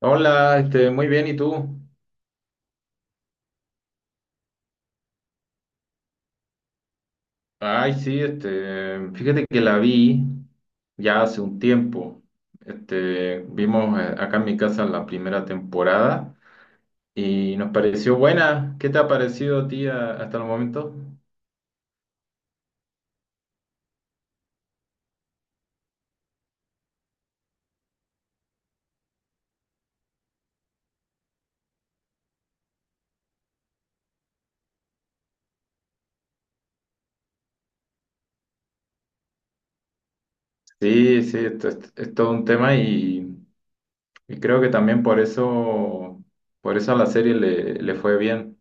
Hola, muy bien, ¿y tú? Ay, sí, fíjate que la vi ya hace un tiempo. Vimos acá en mi casa la primera temporada y nos pareció buena. ¿Qué te ha parecido a ti hasta el momento? Sí, sí, esto es todo un tema y creo que también por eso a la serie le fue bien.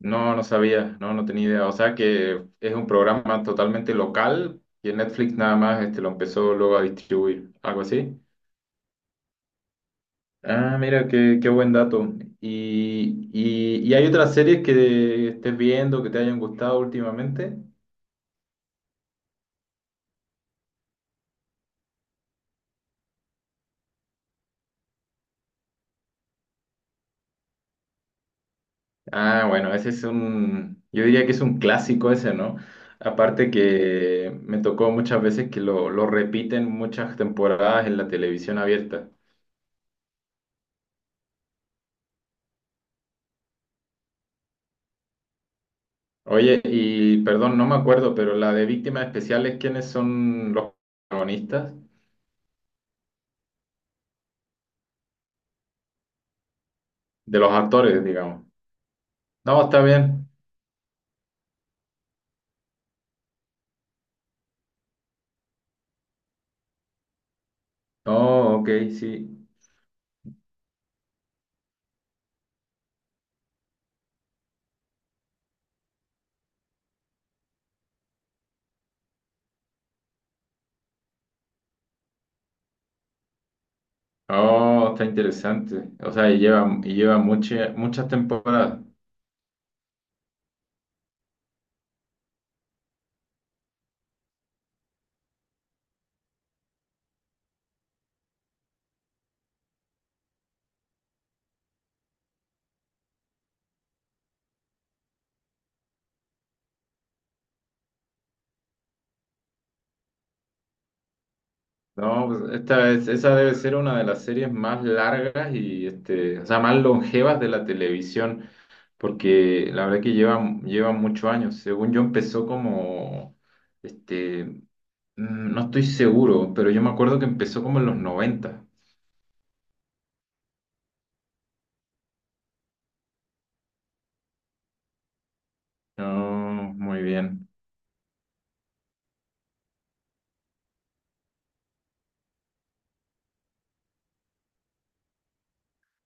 No, no sabía, no, no tenía idea. O sea que es un programa totalmente local y en Netflix nada más lo empezó luego a distribuir, algo así. Ah, mira, qué buen dato. ¿Y hay otras series que estés viendo que te hayan gustado últimamente? Ah, bueno, ese es yo diría que es un clásico ese, ¿no? Aparte que me tocó muchas veces que lo repiten muchas temporadas en la televisión abierta. Oye, y perdón, no me acuerdo, pero la de víctimas especiales, ¿quiénes son los protagonistas? De los actores, digamos. No, está bien. Oh, ok, sí. Oh, está interesante. O sea, y lleva muchas temporadas. No, pues esa debe ser una de las series más largas y, o sea, más longevas de la televisión, porque la verdad que lleva muchos años. Según yo empezó como, este, no estoy seguro, pero yo me acuerdo que empezó como en los noventa. Oh, muy bien.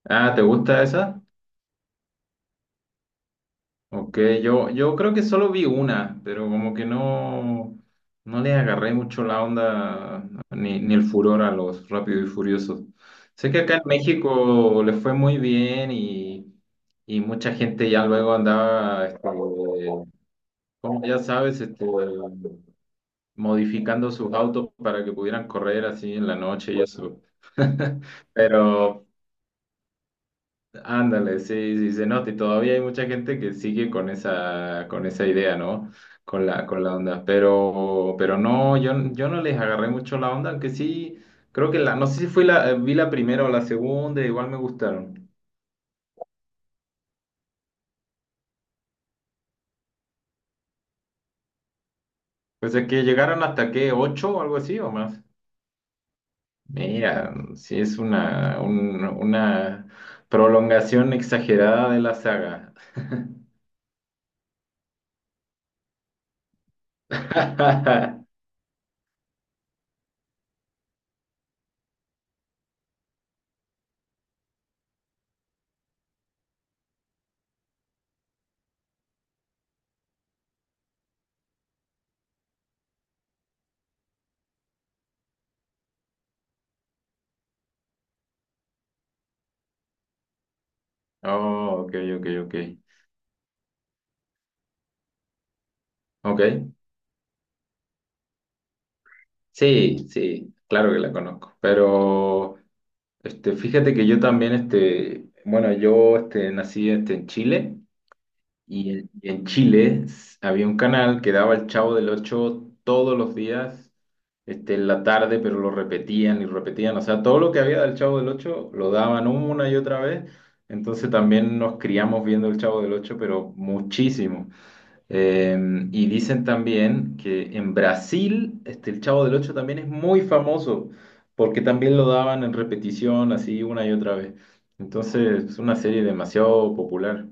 Ah, ¿te gusta esa? Ok, yo creo que solo vi una, pero como que no, no le agarré mucho la onda ni el furor a los Rápidos y Furiosos. Sé que acá en México le fue muy bien y mucha gente ya luego andaba, como ya sabes, modificando sus autos para que pudieran correr así en la noche y eso. Pero ándale, sí, sí se nota y todavía hay mucha gente que sigue con esa idea, ¿no? Con la onda. Pero no, yo no les agarré mucho la onda, aunque sí, creo que no sé si vi la primera o la segunda, igual me gustaron. Pues es que llegaron hasta que ocho o algo así o más. Mira, sí es una prolongación exagerada de la saga. Oh, ok, ok, ok. Ok, sí, sí, claro que la conozco. Pero fíjate que yo también, bueno, yo nací en Chile y en Chile había un canal que daba El Chavo del Ocho todos los días, en la tarde, pero lo repetían y repetían. O sea, todo lo que había del Chavo del Ocho lo daban una y otra vez. Entonces también nos criamos viendo El Chavo del Ocho, pero muchísimo. Eh, y dicen también que en Brasil, El Chavo del Ocho también es muy famoso, porque también lo daban en repetición, así una y otra vez. Entonces, es una serie demasiado popular.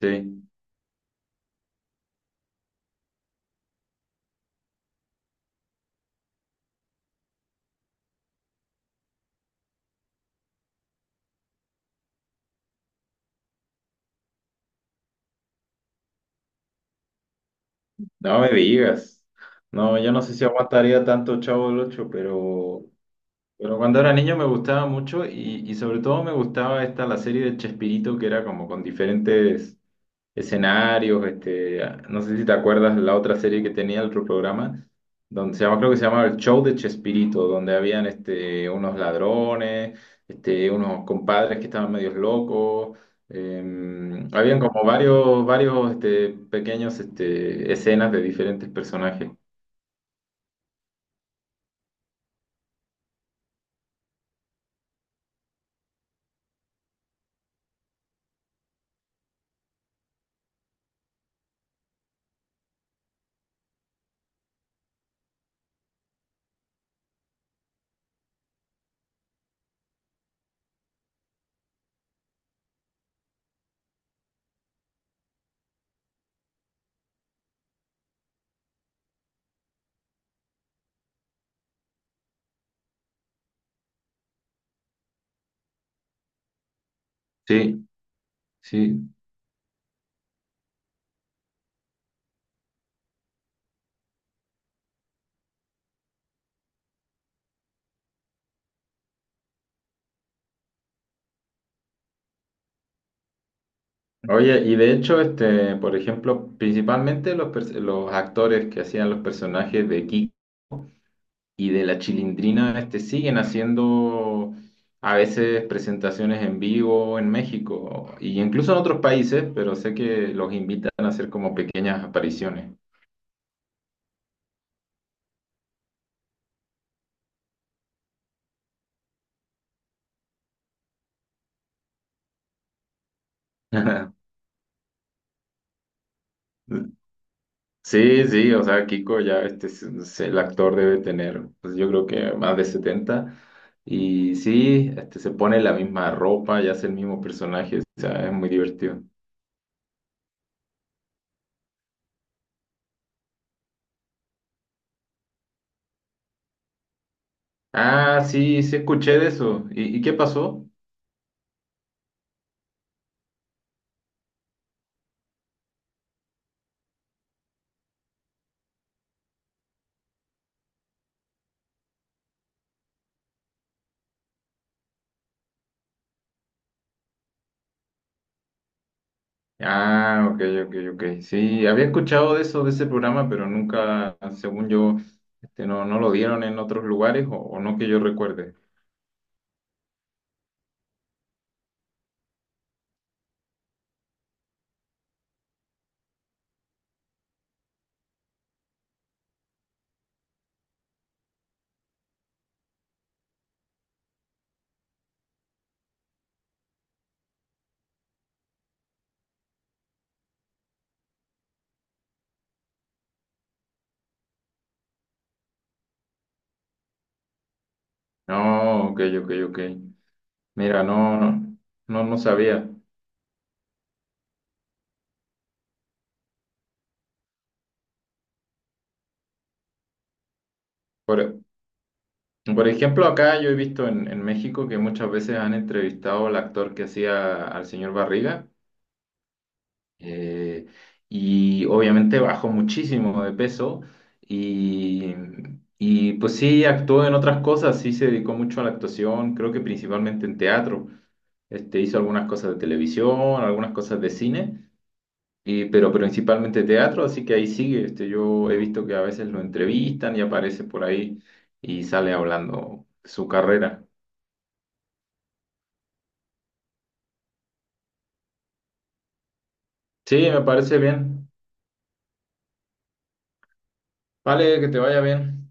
Sí, no me digas. No, yo no sé si aguantaría tanto Chavo del Ocho, pero cuando era niño me gustaba mucho y sobre todo me gustaba la serie de Chespirito, que era como con diferentes escenarios, no sé si te acuerdas la otra serie que tenía el otro programa, donde se llama, creo que se llamaba El Show de Chespirito, donde habían unos ladrones, unos compadres que estaban medios locos, habían como varios pequeños, escenas de diferentes personajes. Sí, sí. Oye, y de hecho, por ejemplo, principalmente los actores que hacían los personajes de Kiko y de la Chilindrina, siguen haciendo a veces presentaciones en vivo en México y incluso en otros países, pero sé que los invitan a hacer como pequeñas apariciones. Sí, sí, o sea, Kiko ya, es el actor, debe tener, pues yo creo que más de 70. Y sí, se pone la misma ropa y hace el mismo personaje, o sea, es muy divertido. Ah, sí, sí escuché de eso. ¿Y qué pasó? Ah, ok, ok, ok. Sí, había escuchado de eso, de ese programa, pero nunca, según yo, no, no lo dieron en otros lugares o no que yo recuerde. No, ok, ok, ok. Mira, no, no, no, no sabía. Por, por ejemplo, acá yo he visto en México que muchas veces han entrevistado al actor que hacía al señor Barriga. Eh, y obviamente bajó muchísimo de peso y, y pues sí actuó en otras cosas, sí se dedicó mucho a la actuación, creo que principalmente en teatro. Hizo algunas cosas de televisión, algunas cosas de cine, pero principalmente teatro, así que ahí sigue. Yo he visto que a veces lo entrevistan y aparece por ahí y sale hablando su carrera. Sí, me parece bien. Vale, que te vaya bien.